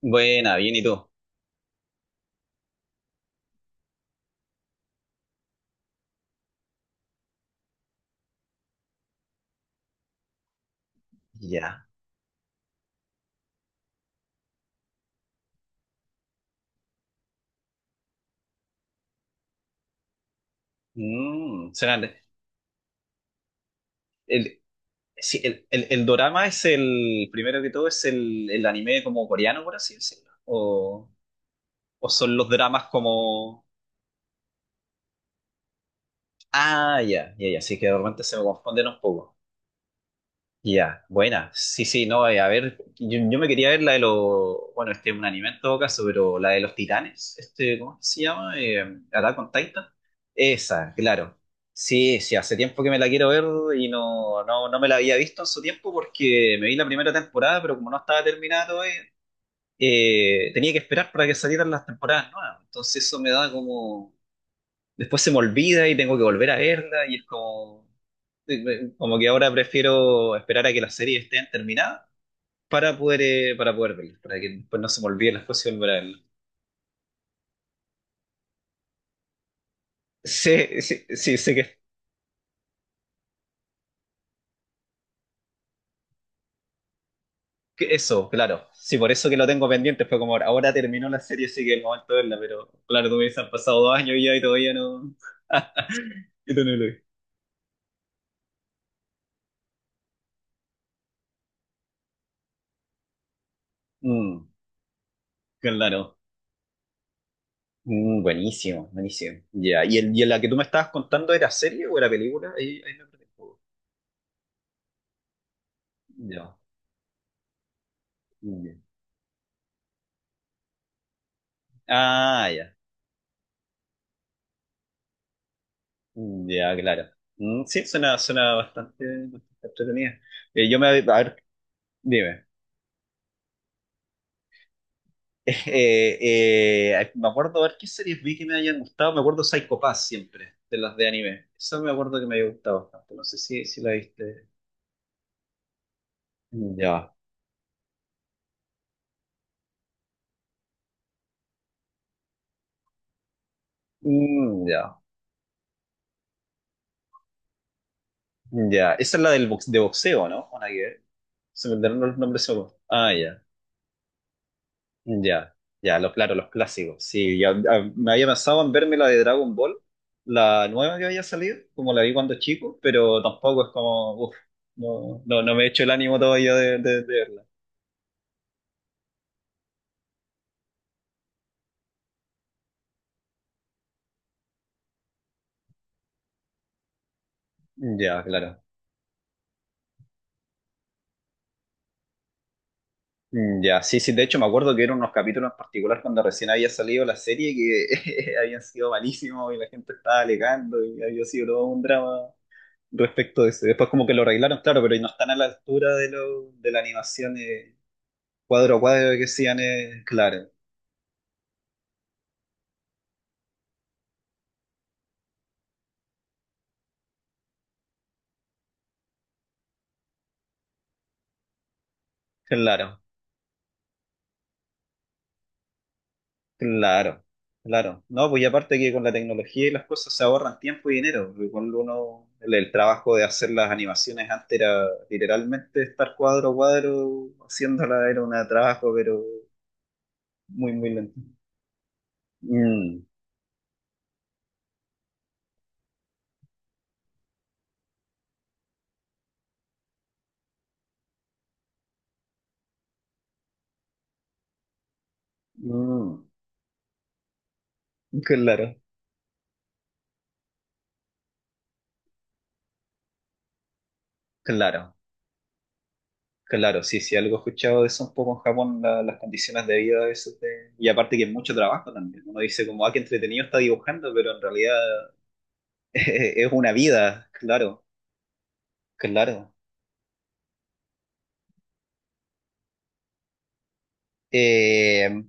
Buena, bien, ¿y tú? Ya. Suena- el, sí, el dorama es primero que todo, es el anime como coreano, por así decirlo. O son los dramas como... Ah, ya, ya, ya, sí que de repente se me confunden un poco. Ya, buena. Sí, sí, no, a ver, yo me quería ver la de los, bueno, este es un anime en todo caso, pero la de los titanes, este, ¿cómo se llama? Attack on Titan. Esa, claro. Sí, sí, hace tiempo que me la quiero ver y no me la había visto en su tiempo porque me vi la primera temporada, pero como no estaba terminada todavía, tenía que esperar para que salieran las temporadas nuevas. Entonces eso me da como, después se me olvida y tengo que volver a verla y es como, como que ahora prefiero esperar a que las series estén terminadas para poder verlas, para que después no se me olvide las cosas y volver a verlas. Sí, sí, sí, sé que eso, claro. Sí, por eso que lo tengo pendiente, fue como ahora, ahora terminó la serie, así que es el momento de verla, pero claro, tú me dices, han pasado dos años ya y todavía no... Y tú no lo ves. Mm, claro. Mm, buenísimo, buenísimo. Ya, ¿y, el, y la que tú me estabas contando era serie o era película? Ahí, ahí me perdí un poco. Ya. Mm, ya. Ah, ya. Mm, ya, claro. Mm, sí, suena, suena bastante, bastante entretenida. Yo me, a ver, dime. Eh, me acuerdo a ver qué series vi que me hayan gustado. Me acuerdo Psycho Pass siempre, de las de anime. Eso me acuerdo que me había gustado bastante. No sé si la viste. Ya. Mm, ya. Mm, ya. Esa es la del box, de boxeo, ¿no? Una que ver. Se me olvidaron los nombres solo. Ah, ya. Ya, ya, lo, claro, los clásicos. Sí, ya, ya, me había pensado en verme la de Dragon Ball, la nueva que había salido, como la vi cuando chico, pero tampoco es como, uff, no, me he hecho el ánimo todavía de verla. Ya, claro. Mm, ya, sí, sí, de hecho me acuerdo que eran unos capítulos en particular cuando recién había salido la serie que habían sido malísimos y la gente estaba alegando y había sido todo un drama respecto de eso. Después como que lo arreglaron, claro, pero no están a la altura de la animación cuadro a cuadro que hacían, claro. Claro, claro, claro. No, pues y aparte que con la tecnología y las cosas se ahorran tiempo y dinero, porque cuando uno, el trabajo de hacer las animaciones antes era literalmente estar cuadro a cuadro haciéndola, era un trabajo, pero muy, muy lento. Mm, mm, claro, claro, claro. Sí, sí, algo he escuchado de eso un poco en Japón, la- las condiciones de vida de eso. De- y aparte que es mucho trabajo también. Uno dice como, ah, qué entretenido está dibujando, pero en realidad es una vida, claro. Claro. Eh,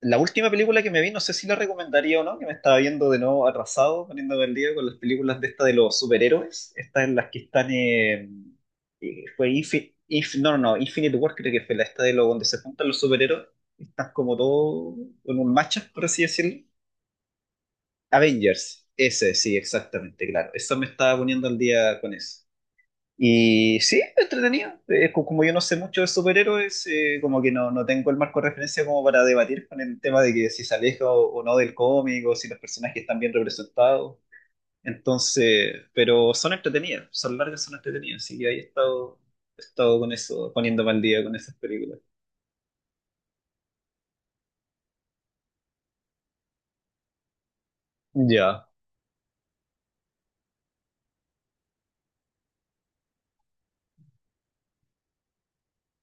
la última película que me vi, no sé si la recomendaría o no, que me estaba viendo de nuevo atrasado, poniéndome al día con las películas de esta de los superhéroes, estas en las que están, fue Infi- Inf- no, no, no, Infinite War creo que fue la esta de lo donde se juntan los superhéroes, están como todos en un matchup, por así decirlo. Avengers, ese, sí, exactamente, claro, eso me estaba poniendo al día con eso. Y sí, entretenido. Es co- como yo no sé mucho de superhéroes, como que no, no tengo el marco de referencia como para debatir con el tema de que si se aleja o no del cómic, o si los personajes están bien representados. Entonces, pero son entretenidas, son largas, son entretenidas. Así que ahí he estado con eso, poniéndome al día con esas películas. Ya.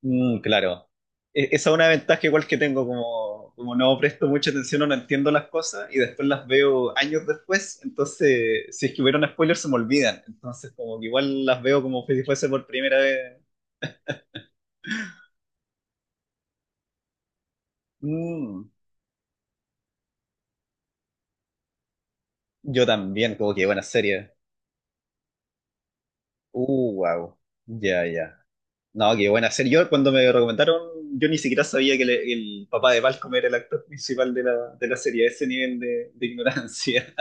Mm, claro. E- esa es una ventaja igual que tengo, como, como no presto mucha atención o no entiendo las cosas y después las veo años después, entonces si es que hubiera un spoiler se me olvidan, entonces como que igual las veo como si fuese por primera vez. Mm, yo también, como que buena serie. Wow. Ya, ya. No, qué buena serie. Yo cuando me recomendaron, yo ni siquiera sabía que le- el papá de Malcolm era el actor principal de la serie, a ese nivel de ignorancia.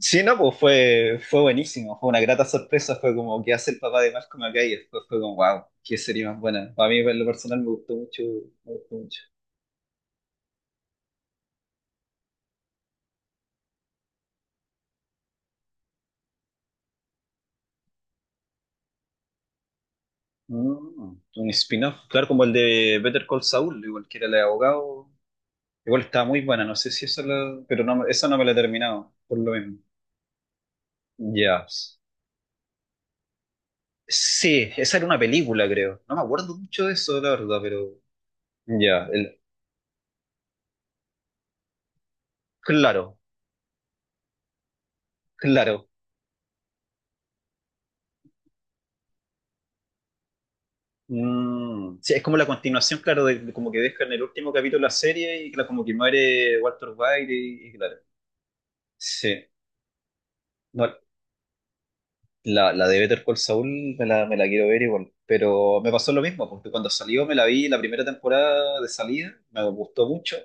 Sí, no, pues fue, fue buenísimo, fue una grata sorpresa, fue como que hace el papá de Malcolm acá y después fue como, wow, qué serie más buena. A mí en lo personal me gustó mucho, me gustó mucho. Mm, un spin-off, claro, como el de Better Call Saul, igual que era el de abogado, igual estaba muy buena, no sé si eso la, pero no, esa no me la he terminado, por lo mismo. Ya. Sí, esa era una película, creo. No me acuerdo mucho de eso, la verdad, pero ya, el- claro, claro. Mm, sí, es como la continuación, claro, de como que deja en el último capítulo la serie y claro, como que muere Walter White y claro. Sí, no, la de Better Call Saul me la quiero ver igual, pero me pasó lo mismo, porque cuando salió me la vi la primera temporada de salida, me gustó mucho,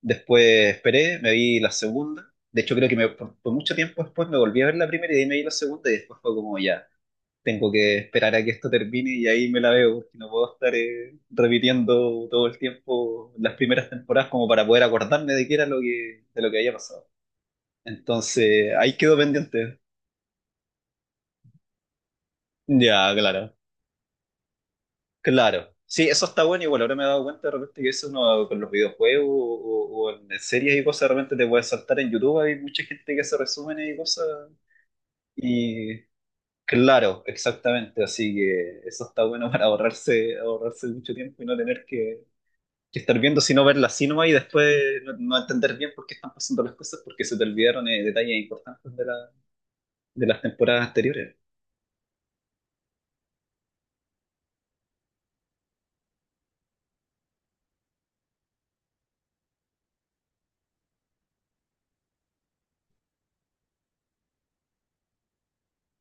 después esperé, me vi la segunda, de hecho creo que me- por mucho tiempo después me volví a ver la primera y de ahí me vi la segunda y después fue como ya, tengo que esperar a que esto termine y ahí me la veo, porque no puedo estar repitiendo todo el tiempo las primeras temporadas como para poder acordarme de qué era lo que, de lo que había pasado. Entonces, ahí quedó pendiente. Ya, claro, claro. Sí, eso está bueno, igual ahora me he dado cuenta de repente que eso uno con los videojuegos o- en series y cosas, de repente te puedes saltar en YouTube, hay mucha gente que hace resúmenes y cosas. Y claro, exactamente, así que eso está bueno para ahorrarse, ahorrarse mucho tiempo y no tener que estar viendo, sino verla así nomás y después no, no entender bien por qué están pasando las cosas, porque se te olvidaron detalles importantes de las temporadas anteriores.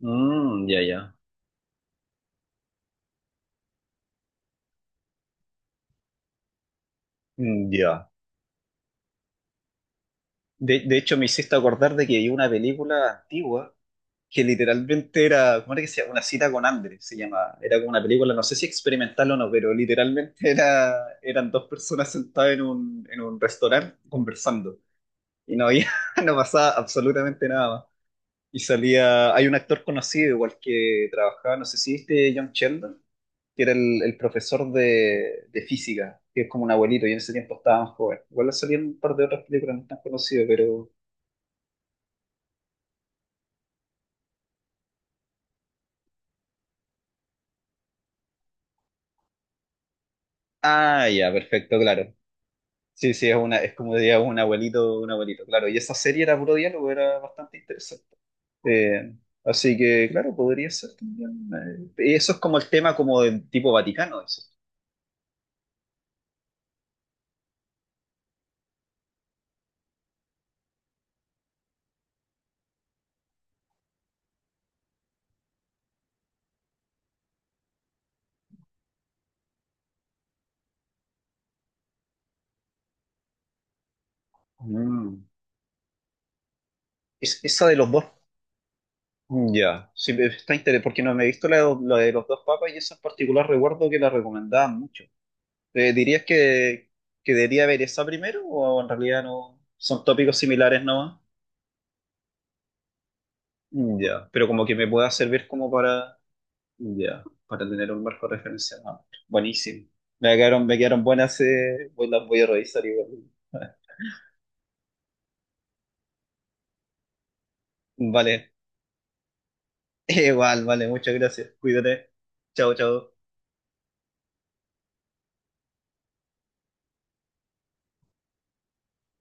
Mm, ya, ya. Mm, ya. De hecho, me hiciste acordar de que hay una película antigua que literalmente era, ¿cómo era que se llama? Una cita con Andrés se llama. Era como una película, no sé si experimental o no, pero literalmente era, eran dos personas sentadas en un restaurante conversando. Y no había, no pasaba absolutamente nada. Y salía, hay un actor conocido igual que trabajaba, no sé si viste John Sheldon, que era el profesor de física, que es como un abuelito, y en ese tiempo estaba más joven. Igual salían un par de otras películas no tan conocidas, pero... Ah, ya, perfecto, claro. Sí, sí, es una, es como diría un abuelito, claro. Y esa serie era puro diálogo, era bastante interesante. Eh, así que, claro, podría ser también. Eso es como el tema como del tipo Vaticano, dices. Mm. Es, esa de los dos. Ya, sí, está interesante, porque no me he visto la de los dos papas y esa en particular recuerdo que la recomendaban mucho. ¿Dirías que debería ver esa primero o en realidad no? Son tópicos similares nomás. Ya, pero como que me pueda servir como para, ya, para tener un marco de referencia. Ah, buenísimo. Me quedaron buenas, voy- las voy a revisar igual. Vale, igual, vale, muchas gracias. Cuídate. Chao, chao.